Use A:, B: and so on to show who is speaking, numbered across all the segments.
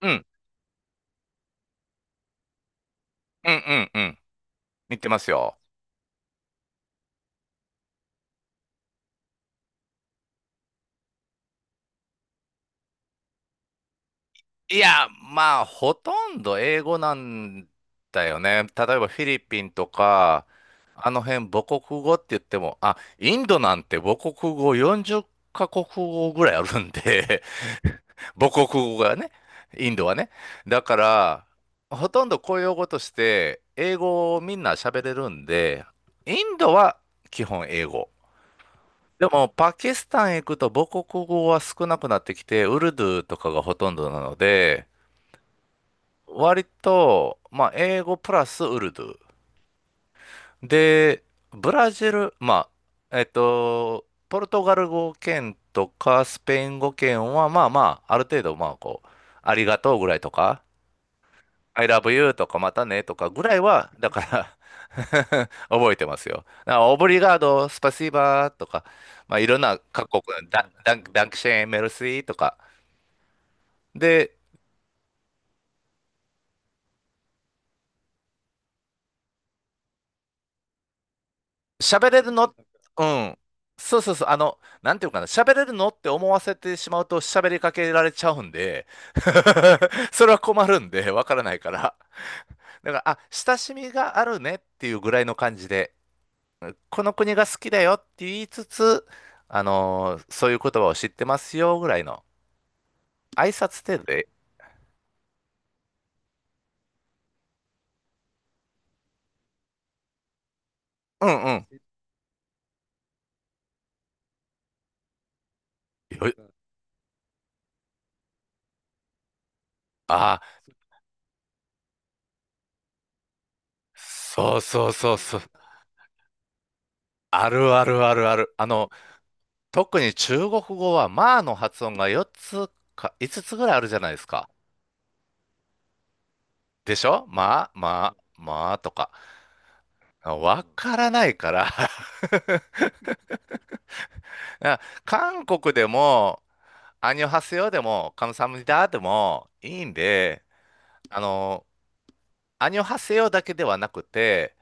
A: うん、うん、うん、うん。似てますよ。いや、まあ、ほとんど英語なんだよね。例えばフィリピンとか、あの辺母国語って言っても、インドなんて母国語40カ国語ぐらいあるんで、母国語がね、インドはね。だから、ほとんど公用語として、英語をみんな喋れるんで、インドは基本英語。でも、パキスタン行くと母国語は少なくなってきて、ウルドゥーとかがほとんどなので、割と、まあ、英語プラスウルドゥー。で、ブラジル、まあ、ポルトガル語圏とかスペイン語圏は、まあまあ、ある程度、まあ、こう、ありがとうぐらいとか、I love you とかまたねとかぐらいは、だから 覚えてますよ。だからオブリガード、スパシーバーとか、まあ、いろんな各国のダンクシェーン、メルシーとか。で、喋れるの、うん。そうそうそう、あの、なんていうかな、喋れるのって思わせてしまうと喋りかけられちゃうんで、それは困るんで、わからないから。だから、あ、親しみがあるねっていうぐらいの感じで。この国が好きだよって言いつつ、そういう言葉を知ってますよぐらいの挨拶程度で、うんうん。よあそうそうそうそう。あるあるあるある。あの、特に中国語は、まあの発音が4つか5つつぐらいあるじゃないですか。でしょまあ、まあ、まあとか。わからないから 韓国でも、アンニョハセヨでも、カムサハムニダでもいいんで、あの、アニョハセヨだけではなくて、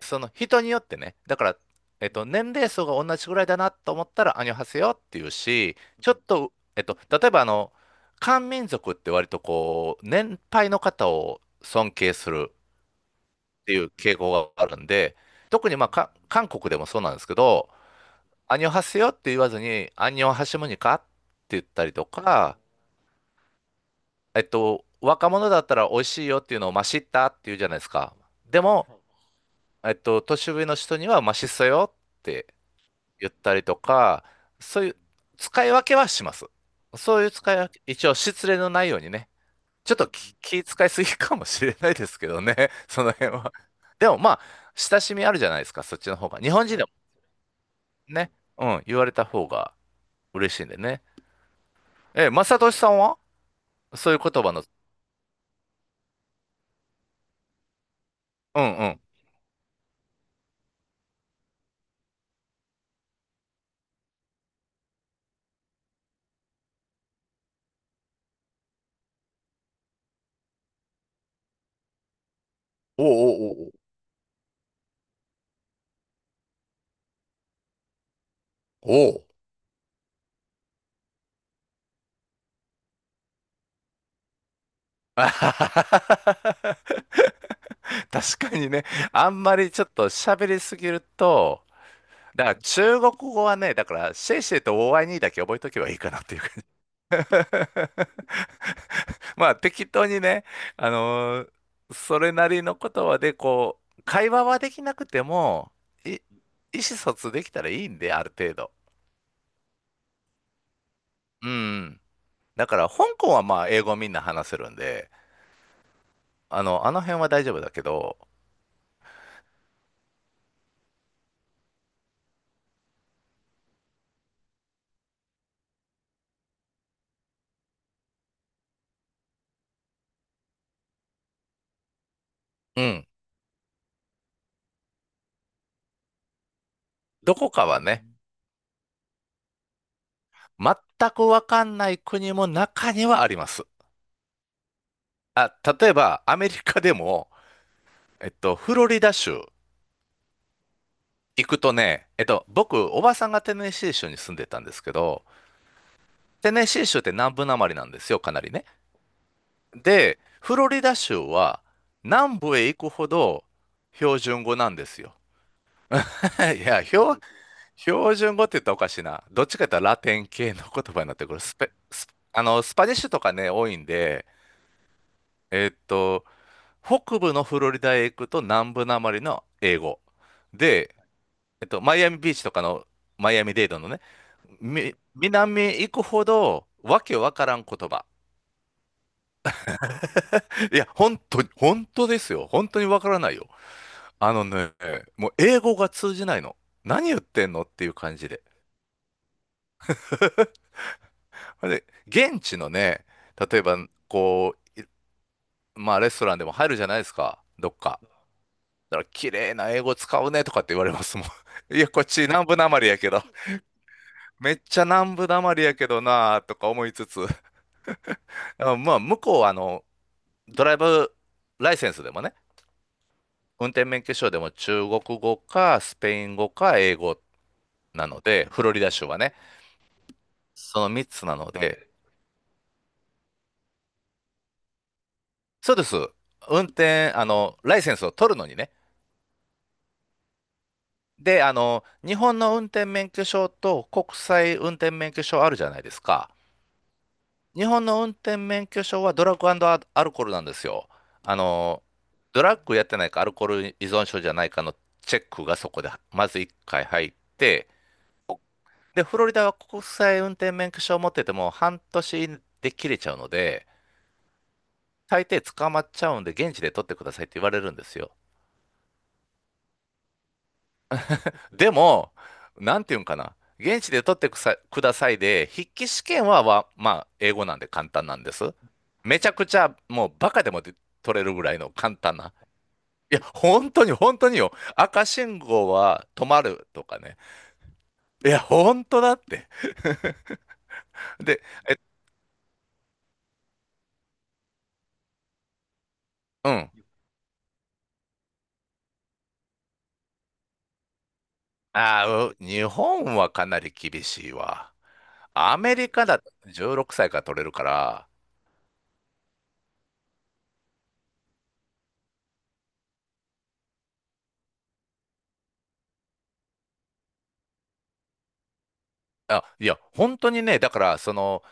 A: その人によってね、だから、年齢層が同じぐらいだなと思ったら、アニョハセヨっていうし、ちょっと、例えばあの、漢民族って割とこう、年配の方を尊敬するっていう傾向があるんで、特にまあ、韓国でもそうなんですけど、アニョハセヨって言わずに、アニョハシムニカって言ったりとか、若者だったら美味しいよっていうのを、まあ、知ったっていうじゃないですか。でも、年上の人にはマシっそよって言ったりとか、そういう使い分けはします。そういう使い分け、一応失礼のないようにね。ちょっと気使いすぎかもしれないですけどね、その辺は。でもまあ、親しみあるじゃないですか、そっちの方が。日本人でもね、うん、言われた方が嬉しいんでね。え、正俊さんはそういう言葉の、うんうん。おうおうおうおう。おうあははははは 確かにね、あんまりちょっと喋りすぎると、だから中国語はね、だからシェイシェイとオーアイニーだけ覚えとけばいいかなっていうか まあ適当にね、あのーそれなりの言葉でこう、会話はできなくても、意思疎通できたらいいんで、ある程度。うん。だから香港はまあ英語みんな話せるんで、あの辺は大丈夫だけど、うん。どこかはね、全くわかんない国も中にはあります。あ、例えばアメリカでも、フロリダ州行くとね、僕、おばさんがテネシー州に住んでたんですけど、テネシー州って南部なまりなんですよ、かなりね。で、フロリダ州は南部へ行くほど標準語なんですよ。いや、標準語って言ったらおかしいな。どっちかというとラテン系の言葉になってくる。スペ、スあの、スパニッシュとかね、多いんで、えっと、北部のフロリダへ行くと南部なまりの英語。で、マイアミビーチとかのマイアミデイドのね、南へ行くほど、わけわからん言葉。いや、本当に、本当ですよ。本当にわからないよ。あのね、もう英語が通じないの。何言ってんのっていう感じで。で、現地のね、例えば、こう、まあ、レストランでも入るじゃないですか、どっか。だから、綺麗な英語使うねとかって言われますもん。いや、こっち南部なまりやけど、めっちゃ南部なまりやけどなとか思いつつ、あまあ、向こうは、あの、ドライブライセンスでもね、運転免許証でも中国語かスペイン語か英語なので、フロリダ州はね、その3つなので、そうです。運転、あの、ライセンスを取るのにね。で、あの、日本の運転免許証と国際運転免許証あるじゃないですか。日本の運転免許証はドラッグアルコールなんですよ。あの、ドラッグやってないかアルコール依存症じゃないかのチェックがそこでまず1回入って、国で、フロリダは国際運転免許証を持ってても半年で切れちゃうので、大抵捕まっちゃうんで、現地で取ってくださいって言われるんですよ。でも、なんていうんかな。現地で取ってくさくださいで、筆記試験は、まあ、英語なんで簡単なんです。めちゃくちゃ、もうバカでもで取れるぐらいの簡単な。いや、本当に本当によ。赤信号は止まるとかね。いや、本当だって。で、え、うん。ああ、日本はかなり厳しいわ。アメリカだと16歳から取れるから、あ、いや、本当にね、だから、その、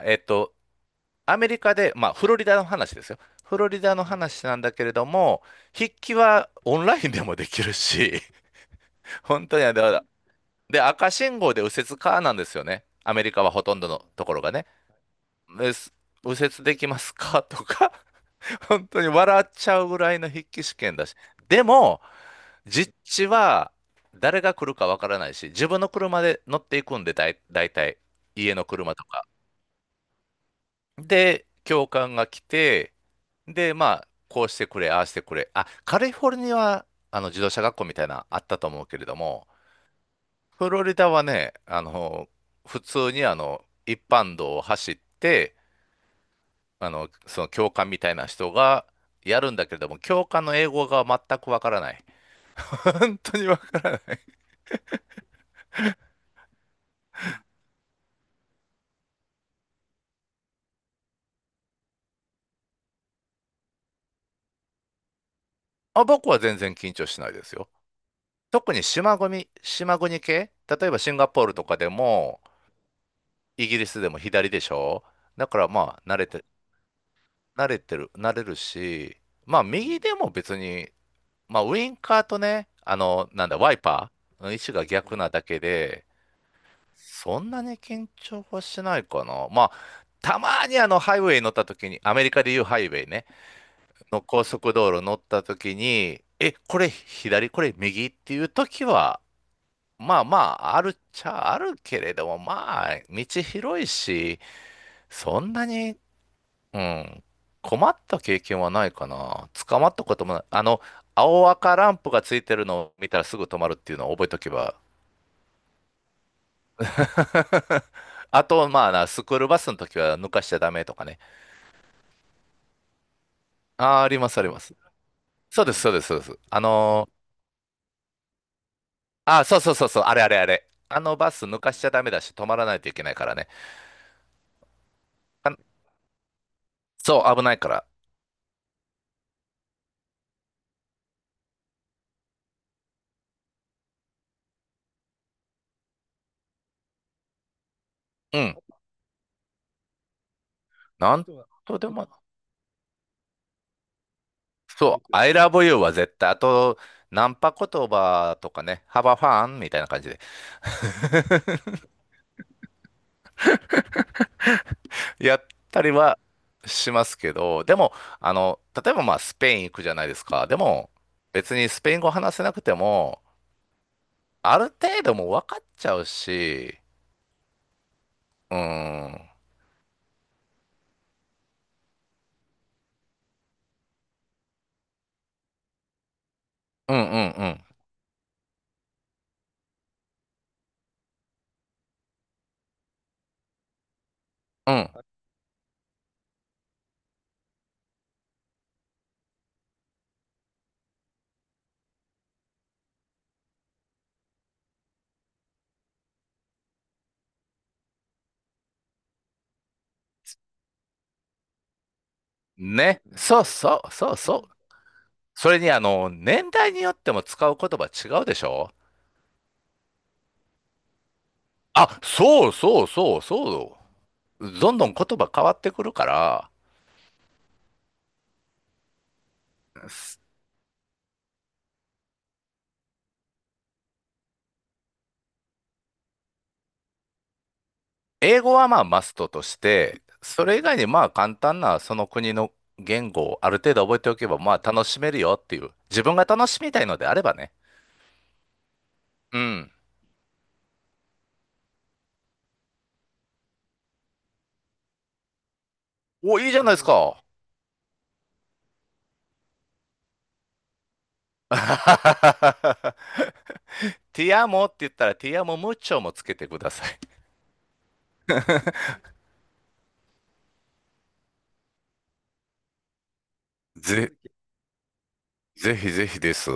A: えっと、アメリカで、まあ、フロリダの話ですよ。フロリダの話なんだけれども、筆記はオンラインでもできるし、本当にあの、だからで、赤信号で右折かなんですよね。アメリカはほとんどのところがね。です右折できますかとか本当に笑っちゃうぐらいの筆記試験だし。でも、実地は誰が来るかわからないし、自分の車で乗っていくんで、たい家の車とか。で、教官が来て、で、まあ、こうしてくれ、ああしてくれ。あ、カリフォルニアはあの自動車学校みたいなのあったと思うけれども、フロリダはね、あの、普通にあの、一般道を走って、あの、その教官みたいな人がやるんだけれども、教官の英語が全くわからない。本当にわからない。あ、僕は全然緊張しないですよ。特に島国、島国系、例えばシンガポールとかでも、イギリスでも左でしょだからまあ、慣れてる、慣れるし、まあ、右でも別に、まあ、ウインカーとね、あの、なんだ、ワイパーの位置が逆なだけで、そんなに緊張はしないかな。まあ、たまにあの、ハイウェイ乗った時に、アメリカでいうハイウェイね。の高速道路乗った時に、え、これ左、これ右っていう時は、まあまあ、あるっちゃあるけれども、まあ、道広いし、そんなに、うん、困った経験はないかな。捕まったこともない。あの、青赤ランプがついてるのを見たらすぐ止まるっていうのを覚えとけば。あと、まあな、スクールバスの時は抜かしちゃダメとかね。あー、あります、あります。そうです、そうです、そうです。あ、そうそうそうそう、あれあれあれ。あのバス抜かしちゃダメだし、止まらないといけないからね。あ、そう、危ないから。うん。なんとでも、そう、I love you は絶対、あと、ナンパ言葉とかね、ハバファンみたいな感じで、やったりはしますけど、でも、あの、例えばまあ、スペイン行くじゃないですか。でも、別にスペイン語話せなくても、ある程度もう分かっちゃうし、うん、うんうんうん、うん。ね、そうそう、そうそう、それにあの、年代によっても使う言葉違うでしょあ、そうそうそうそう。どんどん言葉変わってくるから、す英語はまあマストとして、それ以外にまあ簡単なその国の言語をある程度覚えておけばまあ楽しめるよっていう。自分が楽しみたいのであればね。うん。お、いいじゃないですか。ティアモって言ったらティアモムッチョもつけてください。ぜ、ぜひぜひです。